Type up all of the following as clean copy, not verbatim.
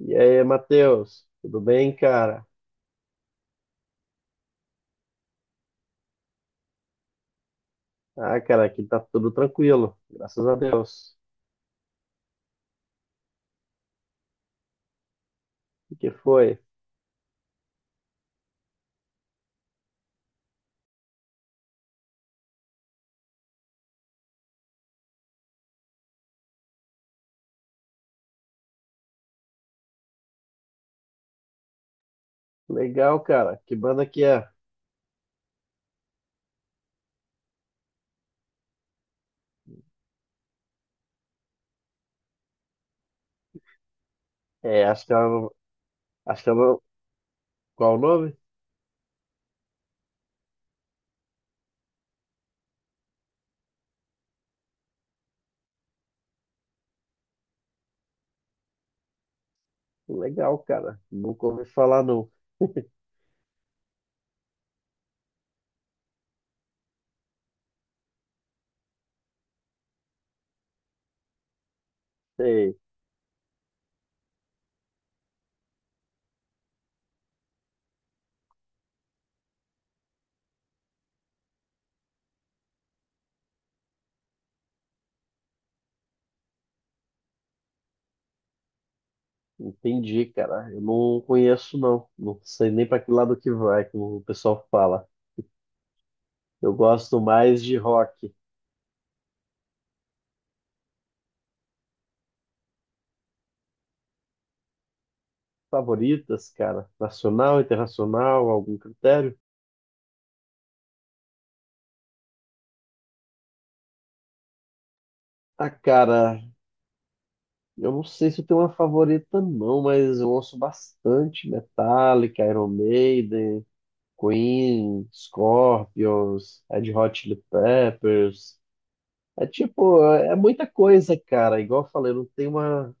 E aí, Matheus, tudo bem, cara? Ah, cara, aqui tá tudo tranquilo, graças a Deus. O que foi? Legal, cara. Que banda que é? É, acho que ela, qual o nome? Legal, cara. Nunca ouvi falar, não. Sei, entendi, cara. Eu não conheço, não. Não sei nem pra que lado que vai, como o pessoal fala. Eu gosto mais de rock. Favoritas, cara? Nacional, internacional, algum critério? Ah, cara, Eu não sei se eu tenho uma favorita, não, mas eu ouço bastante Metallica, Iron Maiden, Queen, Scorpions, Red Hot Chili Peppers. É tipo, é muita coisa, cara. Igual eu falei, eu não tenho uma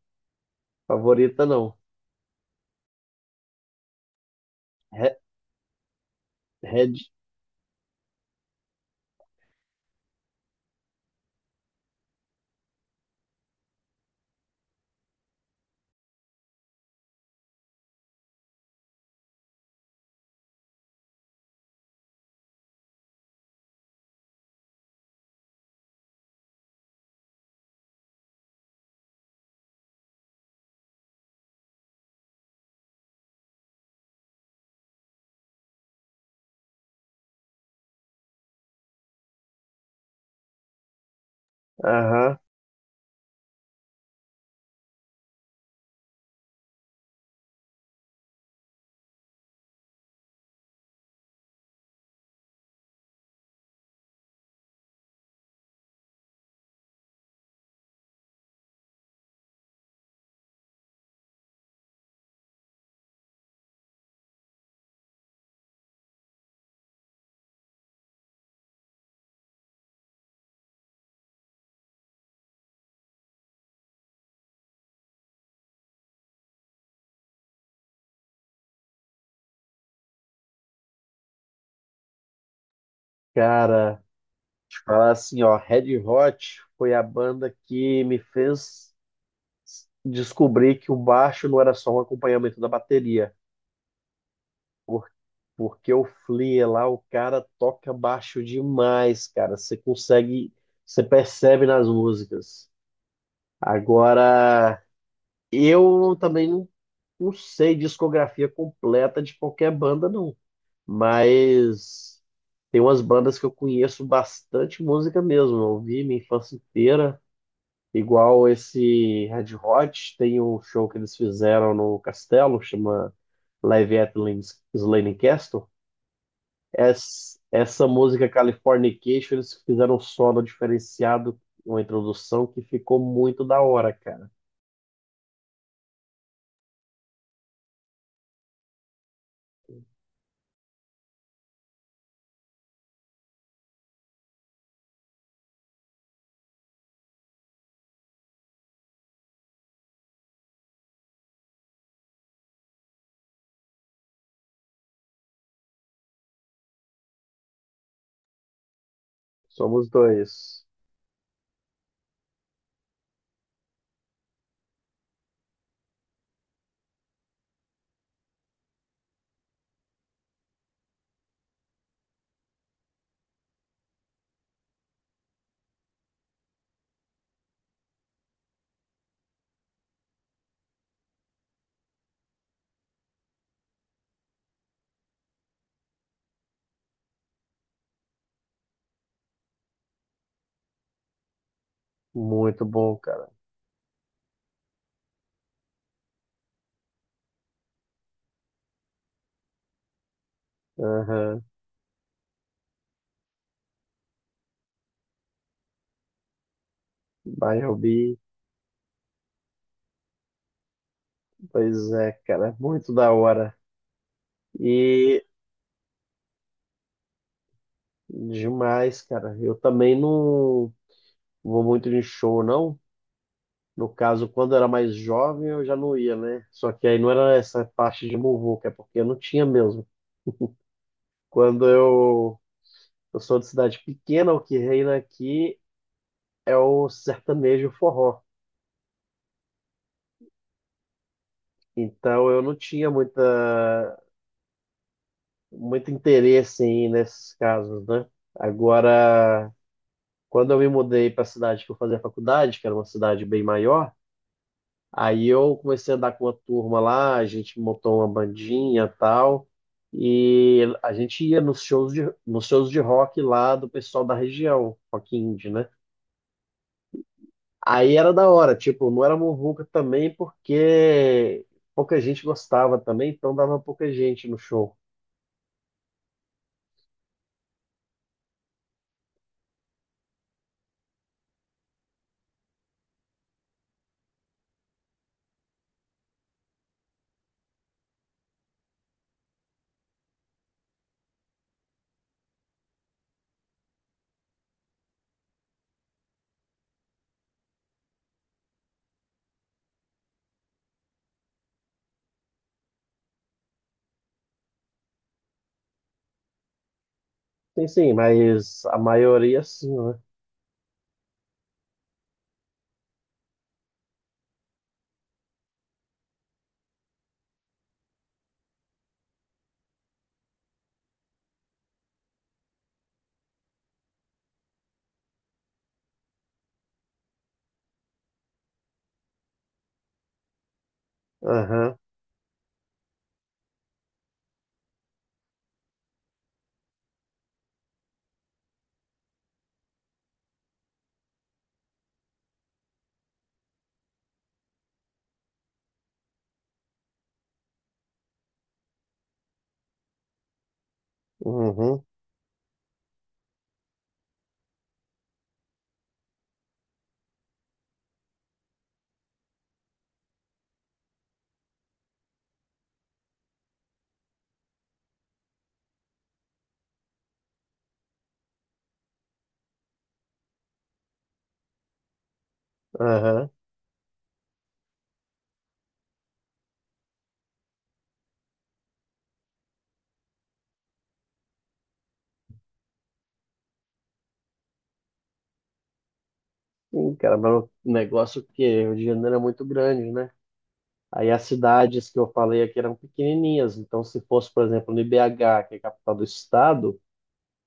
favorita, não. Re- Red, aham, cara, deixa eu falar assim, ó, Red Hot foi a banda que me fez descobrir que o baixo não era só um acompanhamento da bateria. Por- Porque o Flea lá, o cara toca baixo demais, cara. Você consegue, você percebe nas músicas. Agora, eu também não sei discografia completa de qualquer banda, não. Mas tem umas bandas que eu conheço bastante música mesmo. Eu ouvi minha infância inteira. Igual esse Red Hot, tem um show que eles fizeram no Castelo, chama Live at Lin- Slane Castle. Essa música Californication, eles fizeram um solo diferenciado, uma introdução que ficou muito da hora, cara. Somos dois. Muito bom, cara. Aham. Bumblebee, pois é, cara, muito da hora. E demais, cara. Eu também não vou muito de show, não. No caso, quando eu era mais jovem, eu já não ia, né? Só que aí não era essa parte de muvuca, é porque eu não tinha mesmo. Quando eu, eu sou de cidade pequena, o que reina aqui é o sertanejo forró. Então eu não tinha muito interesse em ir nesses casos, né? Agora, quando eu me mudei para a cidade que eu fazia faculdade, que era uma cidade bem maior, aí eu comecei a andar com uma turma lá, a gente montou uma bandinha e tal, e a gente ia nos shows de rock lá do pessoal da região, rock indie, né? Aí era da hora, tipo, não era muvuca também, porque pouca gente gostava também, então dava pouca gente no show. Sim, sim, mas a maioria sim, né? Aham, uhum, aham. Sim, cara, mas o negócio é que o Rio de Janeiro é muito grande, né? Aí as cidades que eu falei aqui eram pequenininhas, então se fosse, por exemplo, no IBH, que é a capital do estado,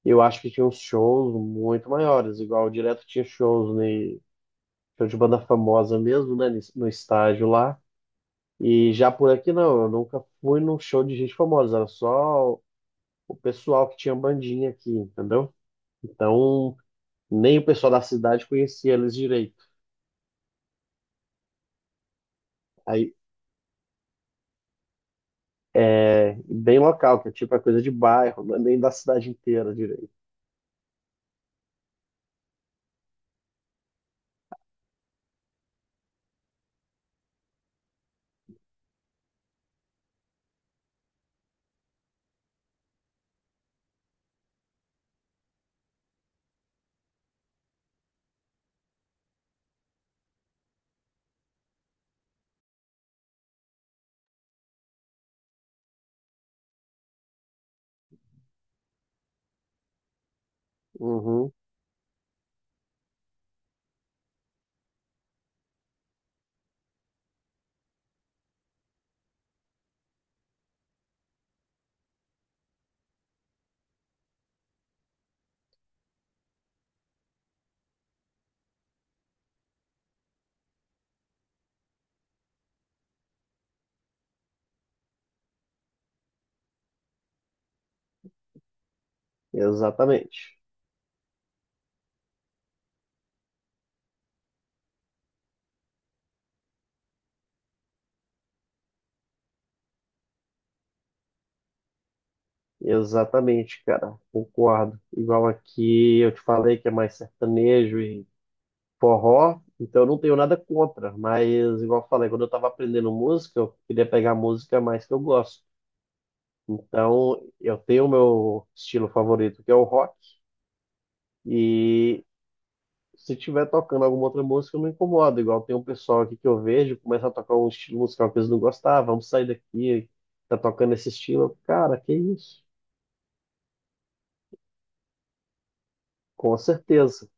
eu acho que tinha uns shows muito maiores, igual direto tinha shows ne, show de banda famosa mesmo, né, no estádio lá. E já por aqui não, eu nunca fui num show de gente famosa, era só o pessoal que tinha bandinha aqui, entendeu? Então, nem o pessoal da cidade conhecia eles direito. Aí é bem local, que é tipo a coisa de bairro, não é nem da cidade inteira direito. Uhum. Exatamente. Exatamente, cara. Concordo. Igual aqui eu te falei que é mais sertanejo e forró, então eu não tenho nada contra, mas igual eu falei, quando eu tava aprendendo música, eu queria pegar a música mais que eu gosto. Então, eu tenho o meu estilo favorito, que é o rock, e se tiver tocando alguma outra música, eu não incomodo. Igual tem um pessoal aqui que eu vejo, começa a tocar um estilo musical que eles não gostavam, "Ah, vamos sair daqui, tá tocando esse estilo. Cara, que isso?" Com certeza.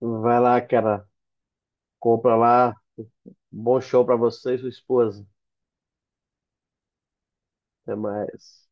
Vai lá, cara. Compra lá. Bom show pra você e sua esposa. Até mais.